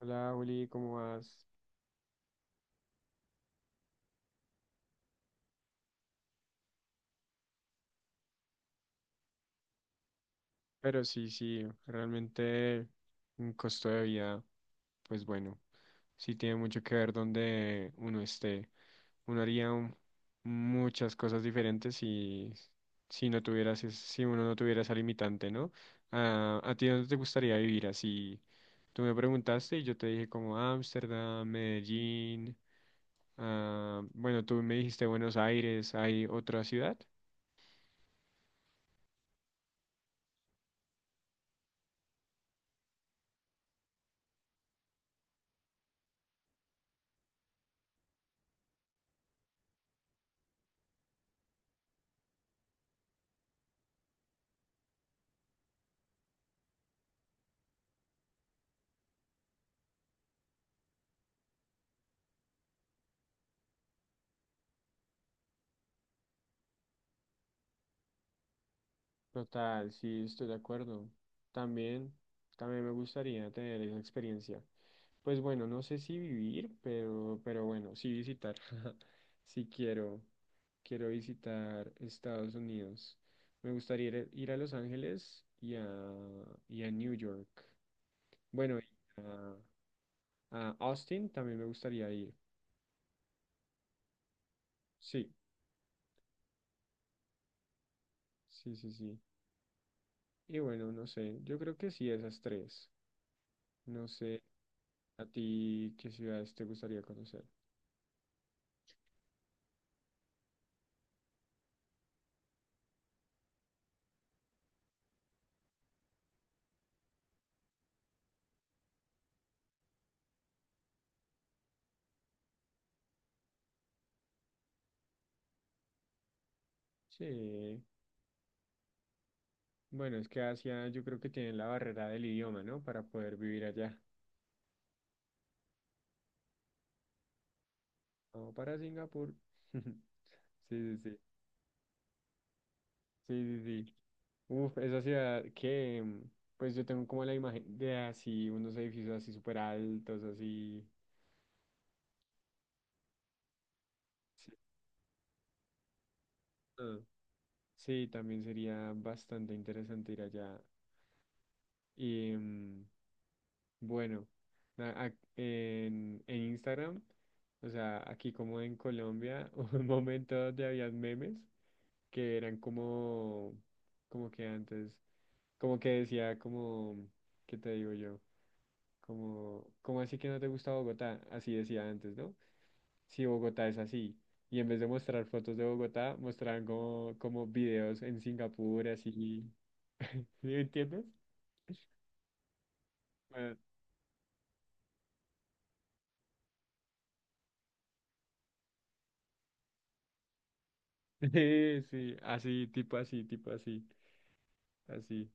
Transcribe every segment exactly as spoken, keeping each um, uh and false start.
Hola, Juli, ¿cómo vas? Pero sí, sí, realmente un costo de vida, pues bueno, sí tiene mucho que ver donde uno esté. Uno haría un- muchas cosas diferentes si, si no tuvieras, es- si uno no tuviera esa limitante, ¿no? Ah, ¿a ti dónde te gustaría vivir? Así, tú me preguntaste y yo te dije como Ámsterdam, Medellín, ah, bueno, tú me dijiste Buenos Aires, ¿hay otra ciudad? Total, sí, estoy de acuerdo. También, también me gustaría tener esa experiencia. Pues bueno, no sé si vivir, pero, pero bueno, sí visitar. Sí quiero, quiero visitar Estados Unidos. Me gustaría ir, a ir a Los Ángeles y a, y a New York. Bueno, y a, a Austin también me gustaría ir. Sí, sí, sí, sí. Y bueno, no sé, yo creo que sí, esas tres. No sé, a ti, ¿qué ciudades te gustaría conocer? Sí, bueno, es que Asia yo creo que tienen la barrera del idioma, ¿no? Para poder vivir allá. O para Singapur. Sí, sí, sí. Sí, sí, sí. Uf, esa ciudad que, mm, pues yo tengo como la imagen de así, unos edificios así súper altos, así. Sí, ah, sí, también sería bastante interesante ir allá. Y mm, bueno, na- ac- en, en Instagram, o sea, aquí como en Colombia, hubo un momento donde había memes que eran como, como que antes, como que decía como, ¿qué te digo yo? Como, ¿cómo así que no te gusta Bogotá? Así decía antes, ¿no? Si Bogotá es así. Y en vez de mostrar fotos de Bogotá, mostraban como, como videos en Singapur, así. ¿Sí me entiendes? Bueno, sí, sí, así, tipo así, tipo así, así.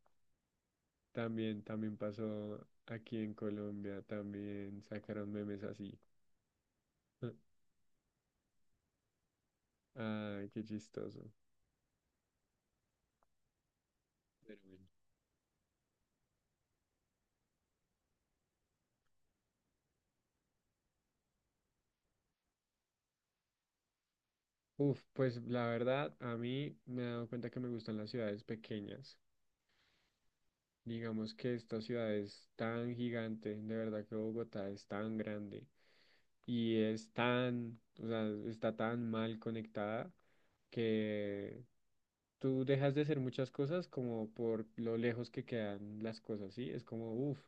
También, también pasó aquí en Colombia, también sacaron memes así. Ay, qué chistoso. Pero bueno. Uf, pues la verdad, a mí me he dado cuenta que me gustan las ciudades pequeñas. Digamos que esta ciudad es tan gigante, de verdad que Bogotá es tan grande y es tan, o sea, está tan mal conectada que tú dejas de hacer muchas cosas como por lo lejos que quedan las cosas, ¿sí? Es como, uf,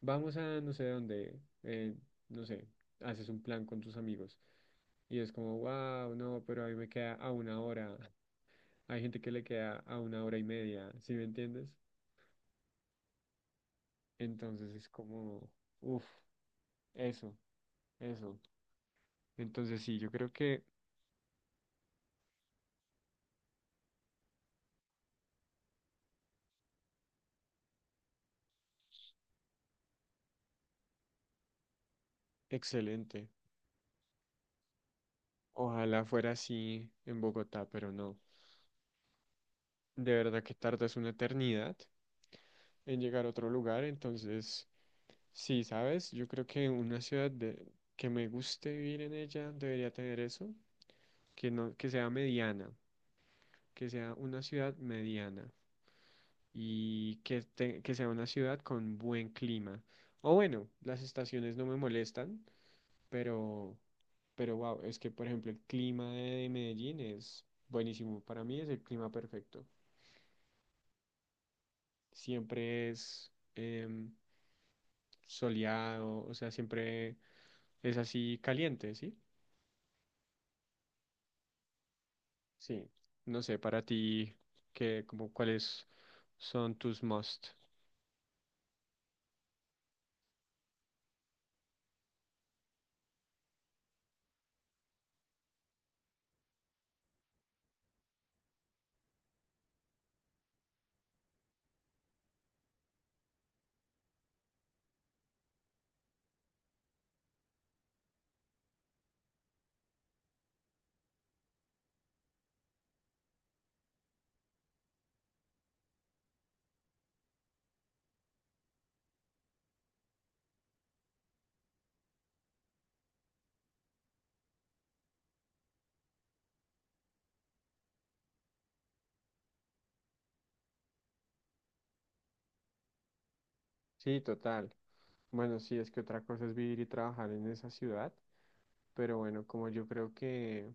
vamos a no sé dónde, eh, no sé, haces un plan con tus amigos. Y es como, wow, no, pero a mí me queda a una hora. Hay gente que le queda a una hora y media, ¿sí me entiendes? Entonces es como, uff, eso, eso. Entonces sí, yo creo que excelente. Ojalá fuera así en Bogotá, pero no. De verdad que tardas una eternidad en llegar a otro lugar, entonces sí, ¿sabes? Yo creo que una ciudad de- que me guste vivir en ella debería tener eso, que no, que sea mediana, que sea una ciudad mediana. Y que, te- que sea una ciudad con buen clima. O bueno, las estaciones no me molestan, pero, pero wow, es que por ejemplo el clima de Medellín es buenísimo. Para mí es el clima perfecto. Siempre es em, soleado, o sea, siempre es así caliente, ¿sí? Sí. No sé, para ti, qué como cuáles son tus must? Sí, total. Bueno, sí, es que otra cosa es vivir y trabajar en esa ciudad. Pero bueno, como yo creo que,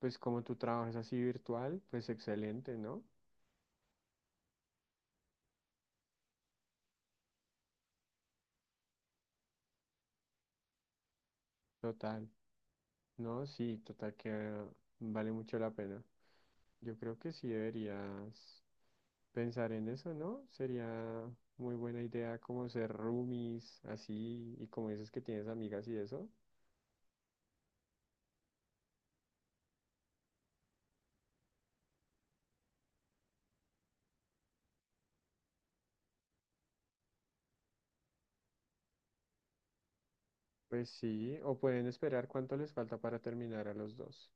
pues como tu trabajo es así virtual, pues excelente, ¿no? Total, ¿no? Sí, total que eh, vale mucho la pena. Yo creo que sí deberías pensar en eso, ¿no? Sería muy buena idea como ser roomies, así, y como dices que tienes amigas y eso. Pues sí, o pueden esperar cuánto les falta para terminar a los dos.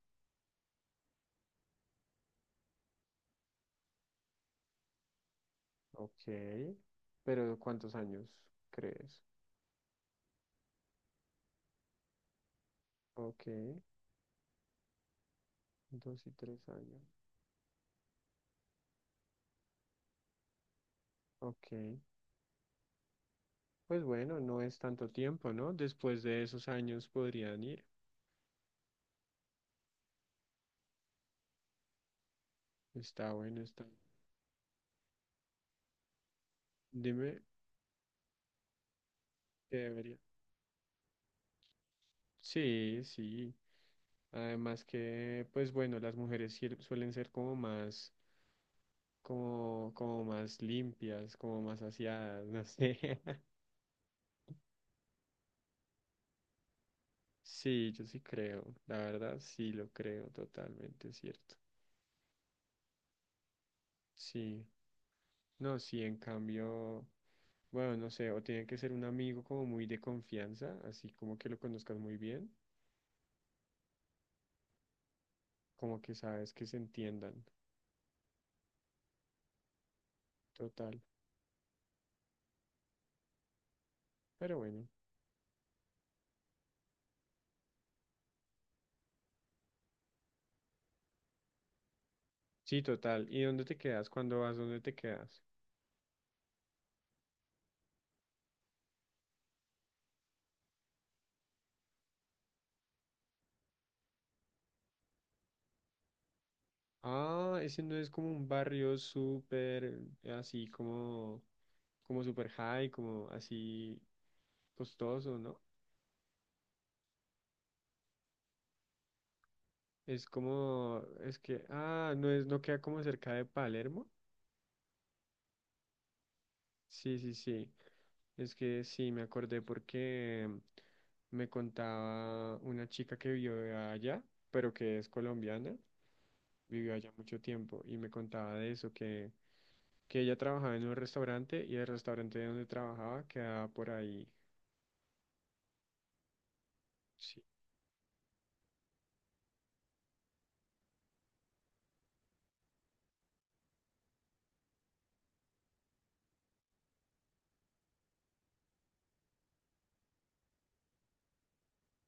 Ok, pero ¿cuántos años crees? Ok, dos y tres años. Ok. Pues bueno, no es tanto tiempo, ¿no? Después de esos años podrían ir. Está bueno, está. Dime, ¿qué debería? Sí, sí. Además que, pues bueno, las mujeres sier- suelen ser como más, como, como más limpias, como más aseadas, no sé. Sí, yo sí creo, la verdad, sí lo creo, totalmente cierto. Sí, no, sí, en cambio, bueno, no sé, o tiene que ser un amigo como muy de confianza, así como que lo conozcas muy bien. Como que sabes que se entiendan. Total. Pero bueno. Sí, total. ¿Y dónde te quedas? ¿Cuándo vas? ¿Dónde te quedas? Ah, ese no es como un barrio súper así como, como, súper high, como así costoso, ¿no? Es como, es que, ah, no es, no queda como cerca de Palermo. Sí, sí, sí. Es que sí, me acordé porque me contaba una chica que vivió allá, pero que es colombiana, vivió allá mucho tiempo y me contaba de eso, que, que ella trabajaba en un restaurante y el restaurante donde trabajaba quedaba por ahí. Sí.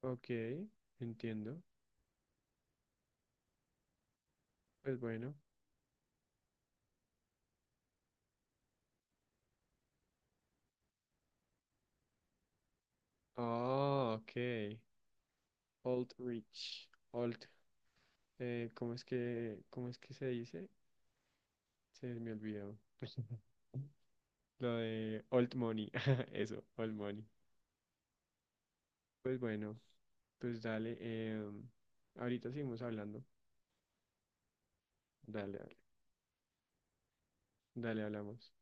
Ok, entiendo. Pues bueno. Ah, ok. Old Rich. Old. eh, ¿cómo es que, Cómo es que se dice? Se me olvidó. Lo de old money. Eso, old money. Pues bueno, pues dale. Em, ahorita seguimos hablando. Dale, dale. Dale, hablamos.